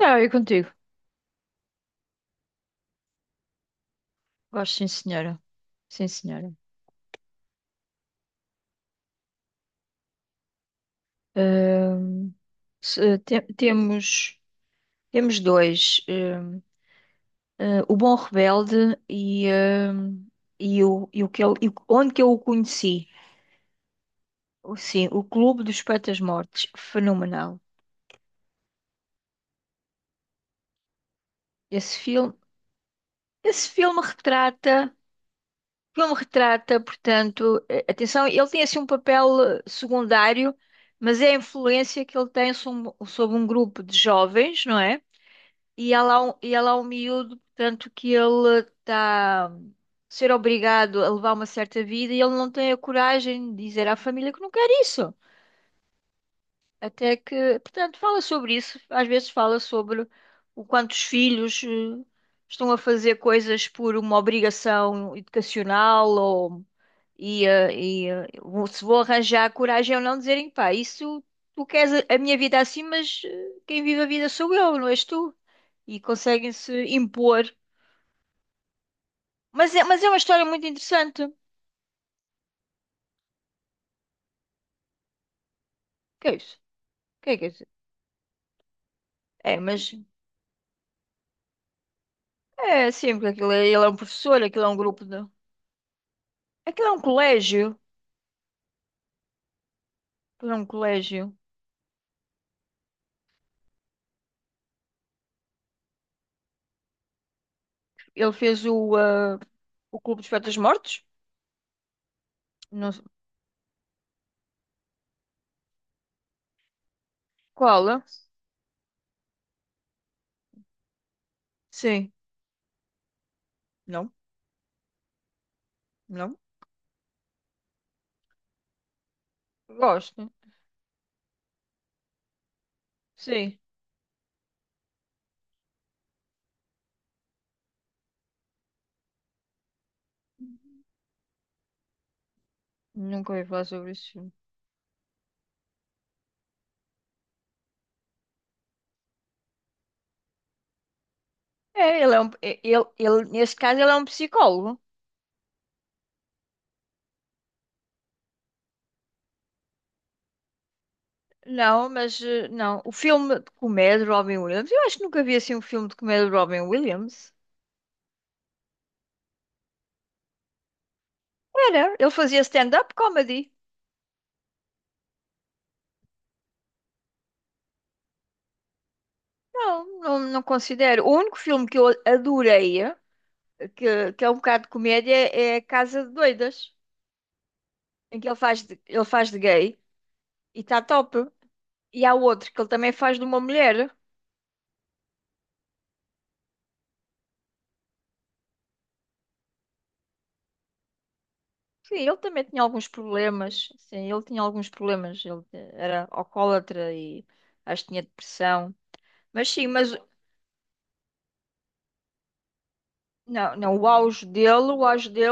Não, eu contigo. Gosto, sim, senhora. Sim, senhora. Ahm, se- eh, te- temos, temos dois. O Bom Rebelde e o que ele, e o- onde que eu o conheci. Sim, o Clube dos Poetas Mortos. Fenomenal. Esse filme, esse filme retrata, portanto, atenção, ele tem assim um papel secundário, mas é a influência que ele tem sobre um grupo de jovens, não é? E ela é um miúdo, portanto, que ele está a ser obrigado a levar uma certa vida e ele não tem a coragem de dizer à família que não quer isso. Até que, portanto, fala sobre isso. Às vezes fala sobre o quanto os filhos estão a fazer coisas por uma obrigação educacional ou se vou arranjar coragem ou não dizerem, pá, isso tu queres a minha vida assim, mas quem vive a vida sou eu, não és tu e conseguem-se impor. Mas é uma história muito interessante. O Que é isso? O que é isso? É, mas é sim, porque aquilo é, ele é um professor, aquilo é um grupo de. Aquilo é um colégio. Aquilo é um colégio. Ele fez o Clube dos Poetas Mortos? Não sei. Qual? Ah? Sim. Não? Não? Gosto. Sim. Nunca ouvi falar sobre isso. É, ele é um. Ele, neste caso, ele é um psicólogo. Não, mas não. O filme de comédia de Robin Williams. Eu acho que nunca vi assim um filme de comédia de Robin Williams. Era, ele fazia stand-up comedy. Não, não, não considero. O único filme que eu adorei, que é um bocado de comédia, é Casa de Doidas, em que ele faz de gay e está top. E há outro que ele também faz de uma mulher. Sim, ele também tinha alguns problemas. Sim, ele tinha alguns problemas. Ele era alcoólatra e acho que tinha depressão. Mas sim, mas não, não, o auge dele, o auge dele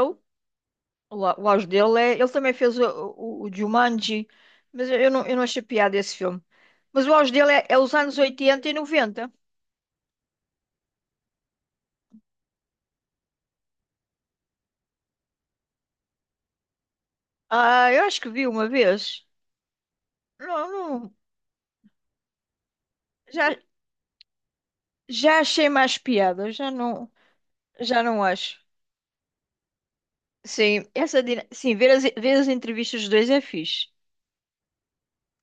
O au- o auge dele é. Ele também fez o Jumanji, mas eu não achei piada esse filme. Mas o auge dele é os anos oitenta e noventa? Ah, eu acho que vi uma vez. Não, não. Já, já achei mais piada, já não acho. Sim, sim, ver as entrevistas dos dois é fixe.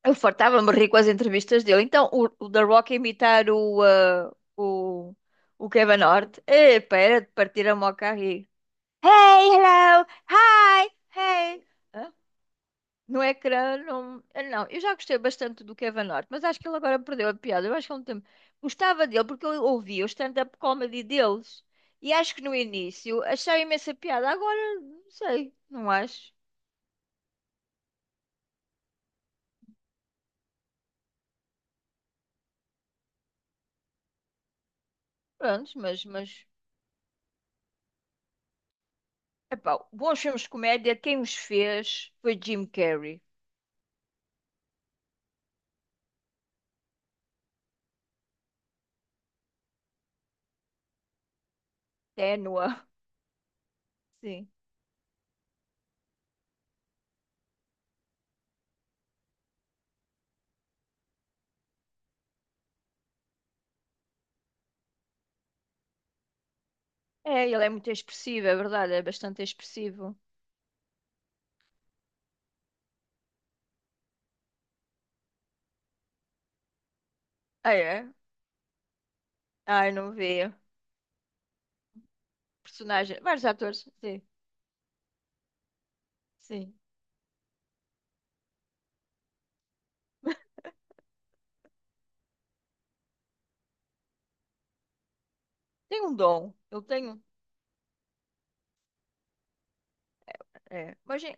Eu fartava-me rir com as entrevistas dele. Então, o The Rock a imitar o Kevin Hart, epá, era de partir a moca aí Hey, hello, hi, hey. Hã? No ecrã, não. eu Não, eu já gostei bastante do Kevin Hart, mas acho que ele agora perdeu a piada. Eu acho que há um tempo gostava dele porque eu ouvia o stand-up comedy deles e acho que no início achava imensa piada. Agora, não sei, não acho. Prontos, mas. Epá, bons filmes de comédia, quem os fez foi Jim Carrey. Ténua. Sim. É, ele é muito expressivo, é verdade, é bastante expressivo. Ah, é? Ai, não vi. Personagem, vários atores, sim, sim. Tem um dom, eu tenho, é, mas, é.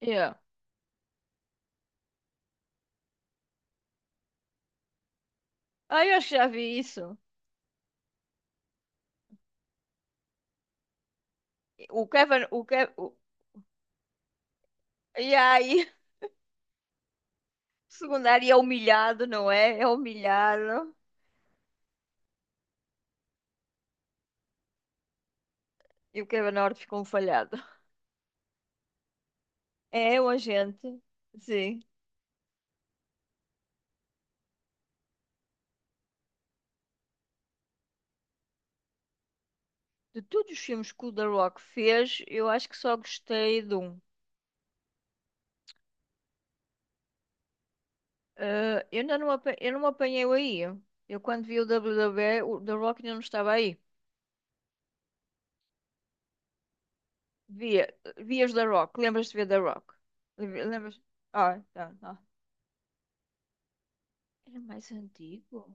Yeah. Ah, eu acho que já vi isso. O Kevin. E aí, o secundário é humilhado, não é? É humilhado, e o Kevin Hart ficou um falhado. É o agente, sim. De todos os filmes que o The Rock fez, eu acho que só gostei de um. Ah, eu ainda não, eu não me apanhei aí. Eu quando vi o WWE, o The Rock ainda não estava aí. Via, vias da Rock. Lembras-te de ver da Rock? Lembras? Ah, tá, tá. Era mais antigo?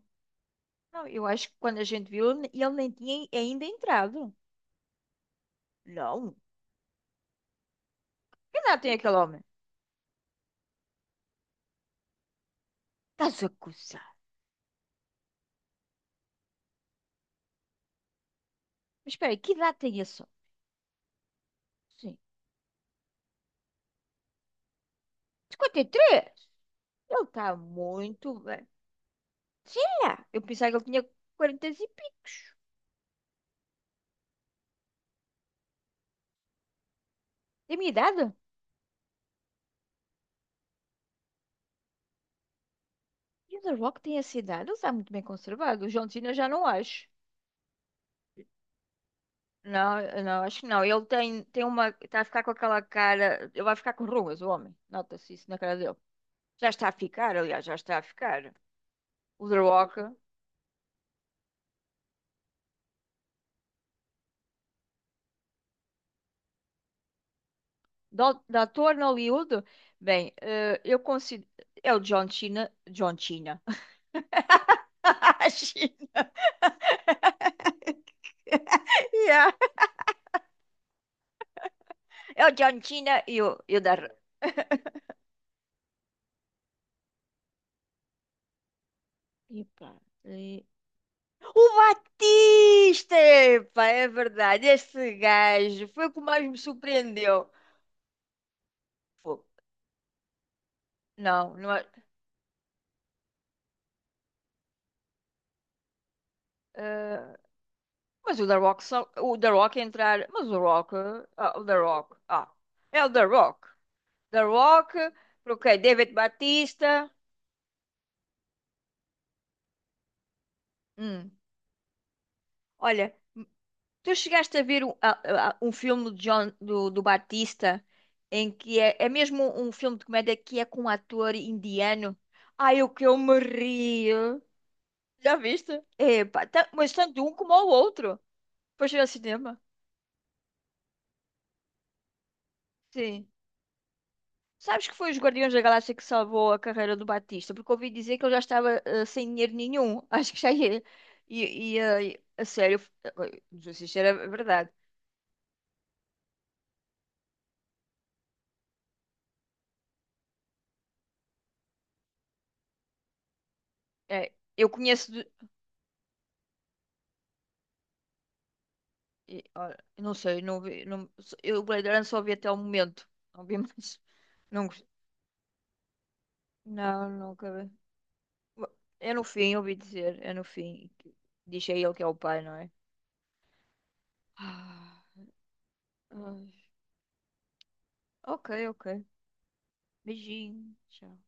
Não, eu acho que quando a gente viu, ele nem tinha ainda entrado. Não. Que idade tem aquele homem? Estás a coçar. Mas espera aí, que idade tem esse homem? Sim. 53? Ele está muito bem. Sei lá. Eu pensava que ele tinha 40 e picos. Da minha idade? E o The Rock tem essa idade? Ele está muito bem conservado. O John Cena já não acho. Não, não, acho que não. Ele tem uma. Está a ficar com aquela cara. Ele vai ficar com rugas, o homem. Nota-se isso na cara dele. Já está a ficar, aliás, já está a ficar. O The Rock. De ator no Hollywood? Bem, eu considero. É o John Cena. John Cena. China. Yeah. É o John Cena e e o da. Epá. O Batista! Epá, é verdade. Este gajo foi o que mais me surpreendeu. Fogo. Não, não é. eh, mas o The Rock só. O The Rock é entrar. Mas o Rock. Ah, o The Rock. Ah, é o The Rock. The Rock. Ok, David Batista. Hum. Olha, tu chegaste a ver um filme do, John, do Batista em que é mesmo um filme de comédia que é com um ator indiano. Ai, o que eu me ri. Já viste? Epa, mas tanto um como o outro. Pois ir ao cinema. Sim. Sabes que foi os Guardiões da Galáxia que salvou a carreira do Batista? Porque ouvi dizer que ele já estava sem dinheiro nenhum. Acho que já ia. A sério, não sei se isto era verdade. É, eu conheço. E, olha, eu não sei, não vi. Não, eu o Blade Runner só vi até o momento. Não vi mais. Não, não, nunca vi. Ba- É no fim, ouvi dizer. É no fim. Diz a ele que é o pai, não é? Ah, ai. Ok, ok. Beijinho. Tchau.